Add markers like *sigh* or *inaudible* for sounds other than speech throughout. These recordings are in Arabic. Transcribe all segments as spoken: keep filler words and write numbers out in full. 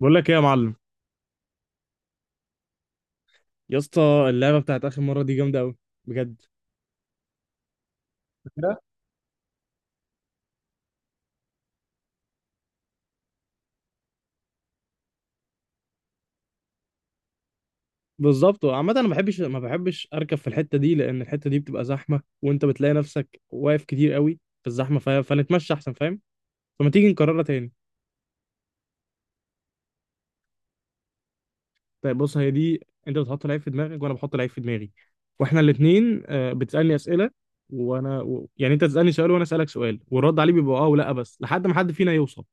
بقول لك ايه يا معلم، يا اسطى. اللعبه بتاعت اخر مره دي جامده قوي، بجد. كده؟ بالظبط. عامه انا ما بحبش ما بحبش اركب في الحته دي، لان الحته دي بتبقى زحمه وانت بتلاقي نفسك واقف كتير قوي في الزحمه، ف... فنتمشى احسن، فاهم. فما تيجي نكررها تاني. طيب بص، هي دي: انت بتحط لعيب في دماغك وانا بحط لعيب في دماغي، واحنا الاثنين بتسالني اسئله، وانا و... يعني انت تسالني سؤال وانا اسالك سؤال، والرد عليه بيبقى اه ولا بس، لحد ما حد فينا يوصل.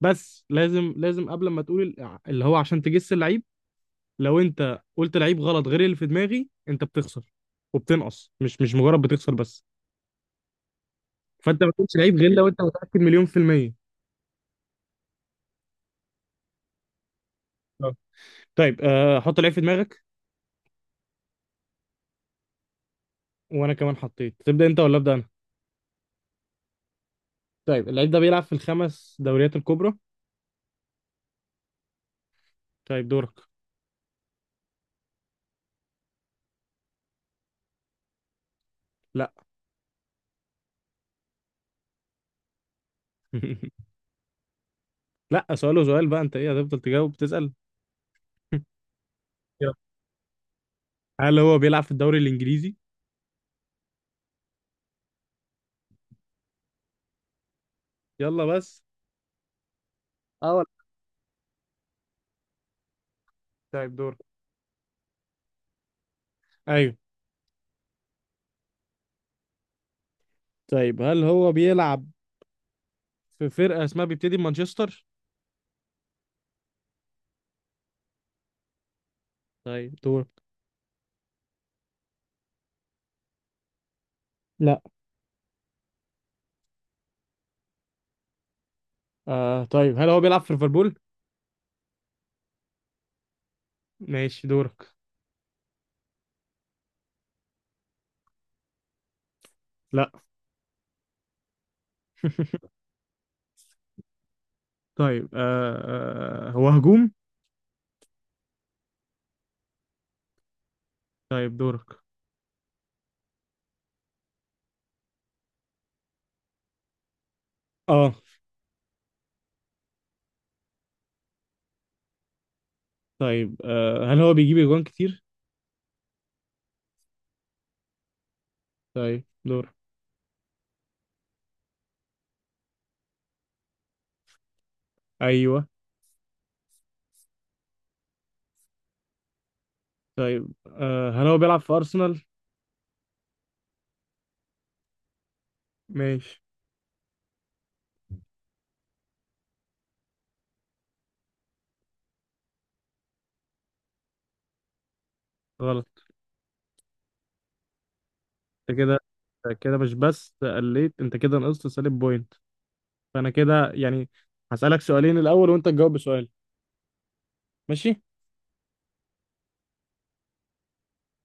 بس لازم لازم قبل ما تقول ال- اللي هو، عشان تجس اللعيب، لو انت قلت لعيب غلط غير اللي في دماغي انت بتخسر وبتنقص، مش مش مجرد بتخسر بس. فانت ما تقولش لعيب غير لو انت متأكد مليون في المية. آه. طيب آه، حط لعيب في دماغك. وانا كمان حطيت. تبدأ انت ولا ابدأ انا؟ طيب، اللعيب ده بيلعب في الخمس دوريات الكبرى. طيب دورك. لا. *laughs* لا، سؤاله سؤال، وسؤال بقى. انت ايه، هتفضل تجاوب تسأل؟ *laughs* يلا. هل هو بيلعب في الدوري الانجليزي؟ يلا بس. اه ولا. طيب دورك. ايوه. طيب هل هو بيلعب في فرقة اسمها بيبتدي بمانشستر؟ طيب دورك. لا. آه، طيب هل هو بيلعب في ليفربول؟ ماشي دورك. لا. *laughs* طيب آه آه، هو هجوم؟ طيب دورك. اه. طيب آه هل هو بيجيب اجوان كتير؟ طيب دورك. ايوه. طيب آه هل هو بيلعب في ارسنال؟ ماشي. غلط. انت كده أنت كده مش بس قليت، انت كده نقصت سالب بوينت. فانا كده يعني هسألك سؤالين الاول، وانت تجاوب بسؤال. ماشي؟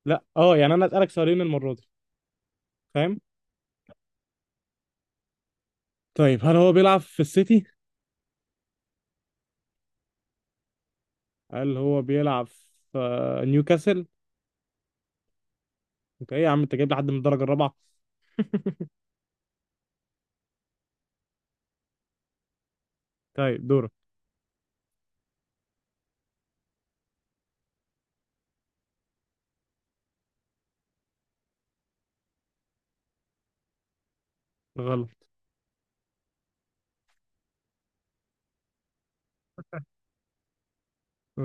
لا اه، يعني انا اسألك سؤالين المرة دي. فاهم؟ طيب هل هو بيلعب في السيتي؟ قال هو بيلعب في آه، نيوكاسل. انت ايه يا عم، انت جايب لحد من الدرجه الرابعه؟ طيب دورك. غلط.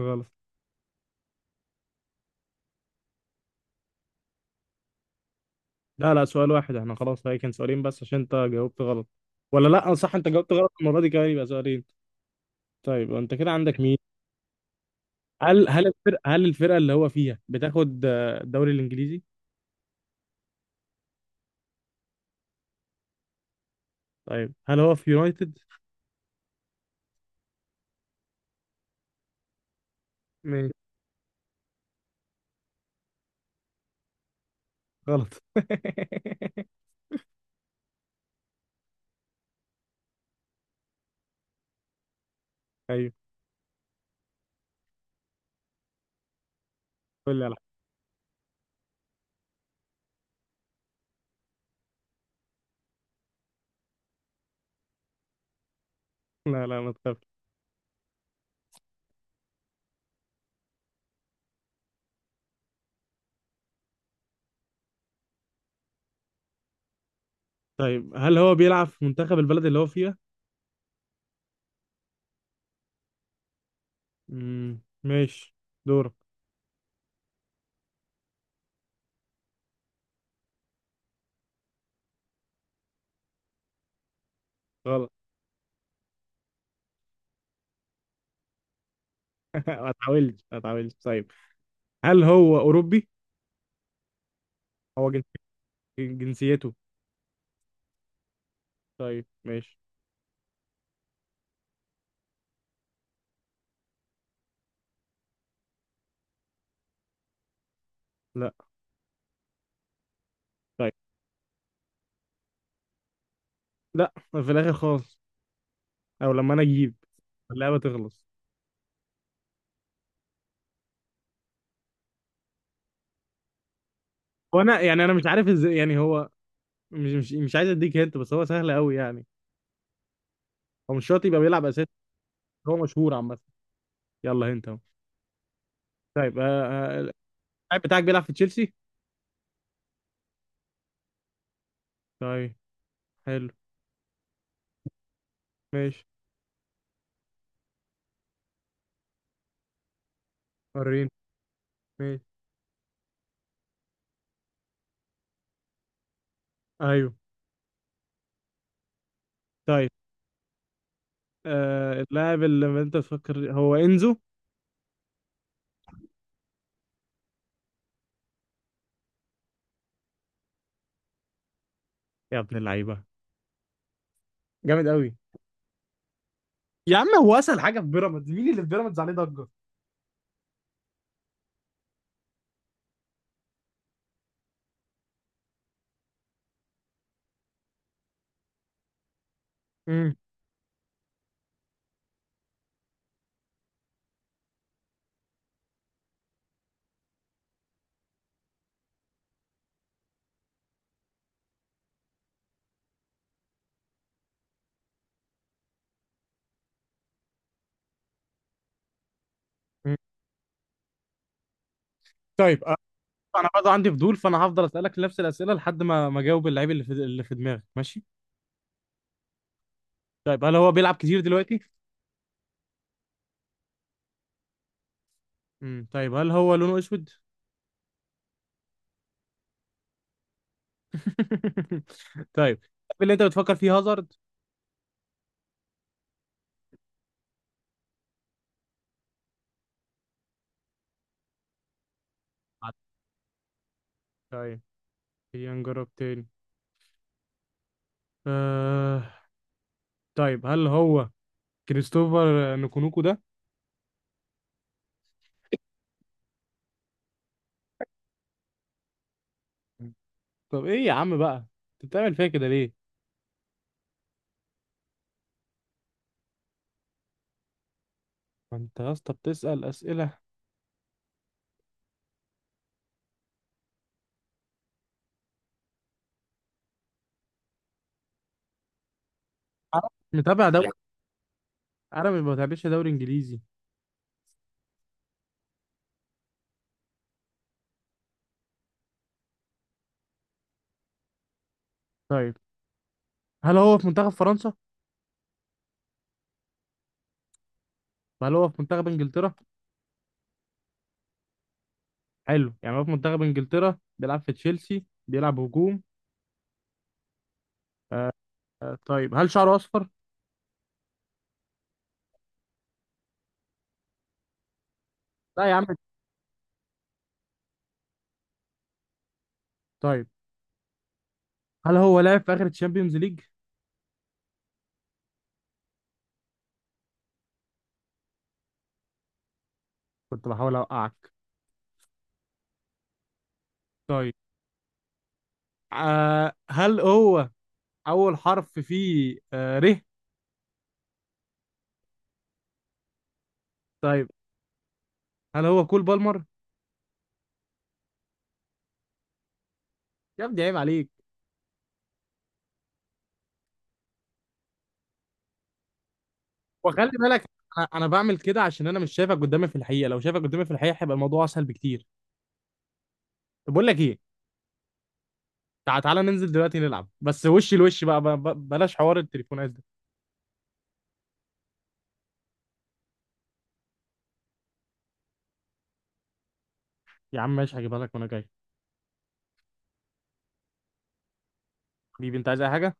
غلط. لا لا، سؤال واحد. احنا خلاص، هي كان سؤالين بس عشان انت جاوبت غلط. ولا لا، آه، صح، انت جاوبت غلط المره دي كمان، يبقى سؤالين. طيب انت كده عندك مين؟ هل هل الفرقه هل الفرقه اللي هو فيها بتاخد آه، الدوري الانجليزي؟ طيب هل هو في يونايتد؟ ماشي. غلط. *laughs* ايوه. قول لي على حاجة. لا لا، ما تخافش. طيب هل هو بيلعب في منتخب البلد اللي هو فيها؟ امم. ماشي. دورك. غلط. *laughs* ما اتعولش ما اتعولش. طيب هل هو أوروبي؟ هو جنس... جنسيته. طيب ماشي. لا. طيب. لا، في الآخر خالص، أو لما أنا أجيب اللعبة تخلص. وأنا يعني أنا مش عارف إزاي يعني. هو مش مش مش عايز أديك هنت، بس هو سهل أوي يعني. هو مش شرط يبقى بيلعب أساسي. هو مشهور عامة. يلا، هنت أهو. طيب آه، آه، اللاعب بتاعك بيلعب في تشيلسي؟ طيب. حلو. ماشي. وريني. ماشي. أيوه. طيب آه اللاعب اللي انت تفكر هو انزو. يا ابن اللعيبه، جامد قوي. يا عم، هو اسهل حاجه في بيراميدز. مين اللي في بيراميدز عليه ضجه؟ امم. أمم. طيب أ- انا برضه عندي فضول، فانا هفضل اسالك نفس الاسئله لحد ما ما اجاوب اللعيب اللي في اللي في دماغك، ماشي. طيب هل هو بيلعب كتير دلوقتي؟ امم طيب هل هو لونه اسود؟ *laughs* طيب. اللي انت بتفكر فيه هازارد. طيب خلينا نجرب تاني. آه... طيب هل هو كريستوفر نكونوكو ده؟ طب ايه يا عم بقى، انت بتعمل فيا كده ليه؟ ما انت يا اسطى بتسال اسئله. أنا مش متابع دوري. انا ما بتابعش دوري انجليزي. طيب هل هو في منتخب فرنسا؟ هل هو في منتخب انجلترا؟ حلو، يعني هو في منتخب انجلترا، بيلعب في تشيلسي، بيلعب هجوم. آه، طيب هل شعره اصفر؟ لا يا عم. طيب هل هو لعب في اخر الشامبيونز ليج؟ كنت بحاول اوقعك. طيب آه هل هو اول حرف فيه آه ر؟ طيب هل هو كول بالمر؟ يا ابني عيب عليك. وخلي بالك، انا أنا بعمل كده عشان انا مش شايفك قدامي في الحقيقه، لو شايفك قدامي في الحقيقه هيبقى الموضوع اسهل بكتير. طب بقول لك ايه، تع- تعالى ننزل دلوقتي نلعب بس وش لوش بقى، ب- ب- بلاش حوار التليفونات ده. يا عم ماشي، هجيبها لك وانا جاي. حبيبي، انت عايز اي حاجه؟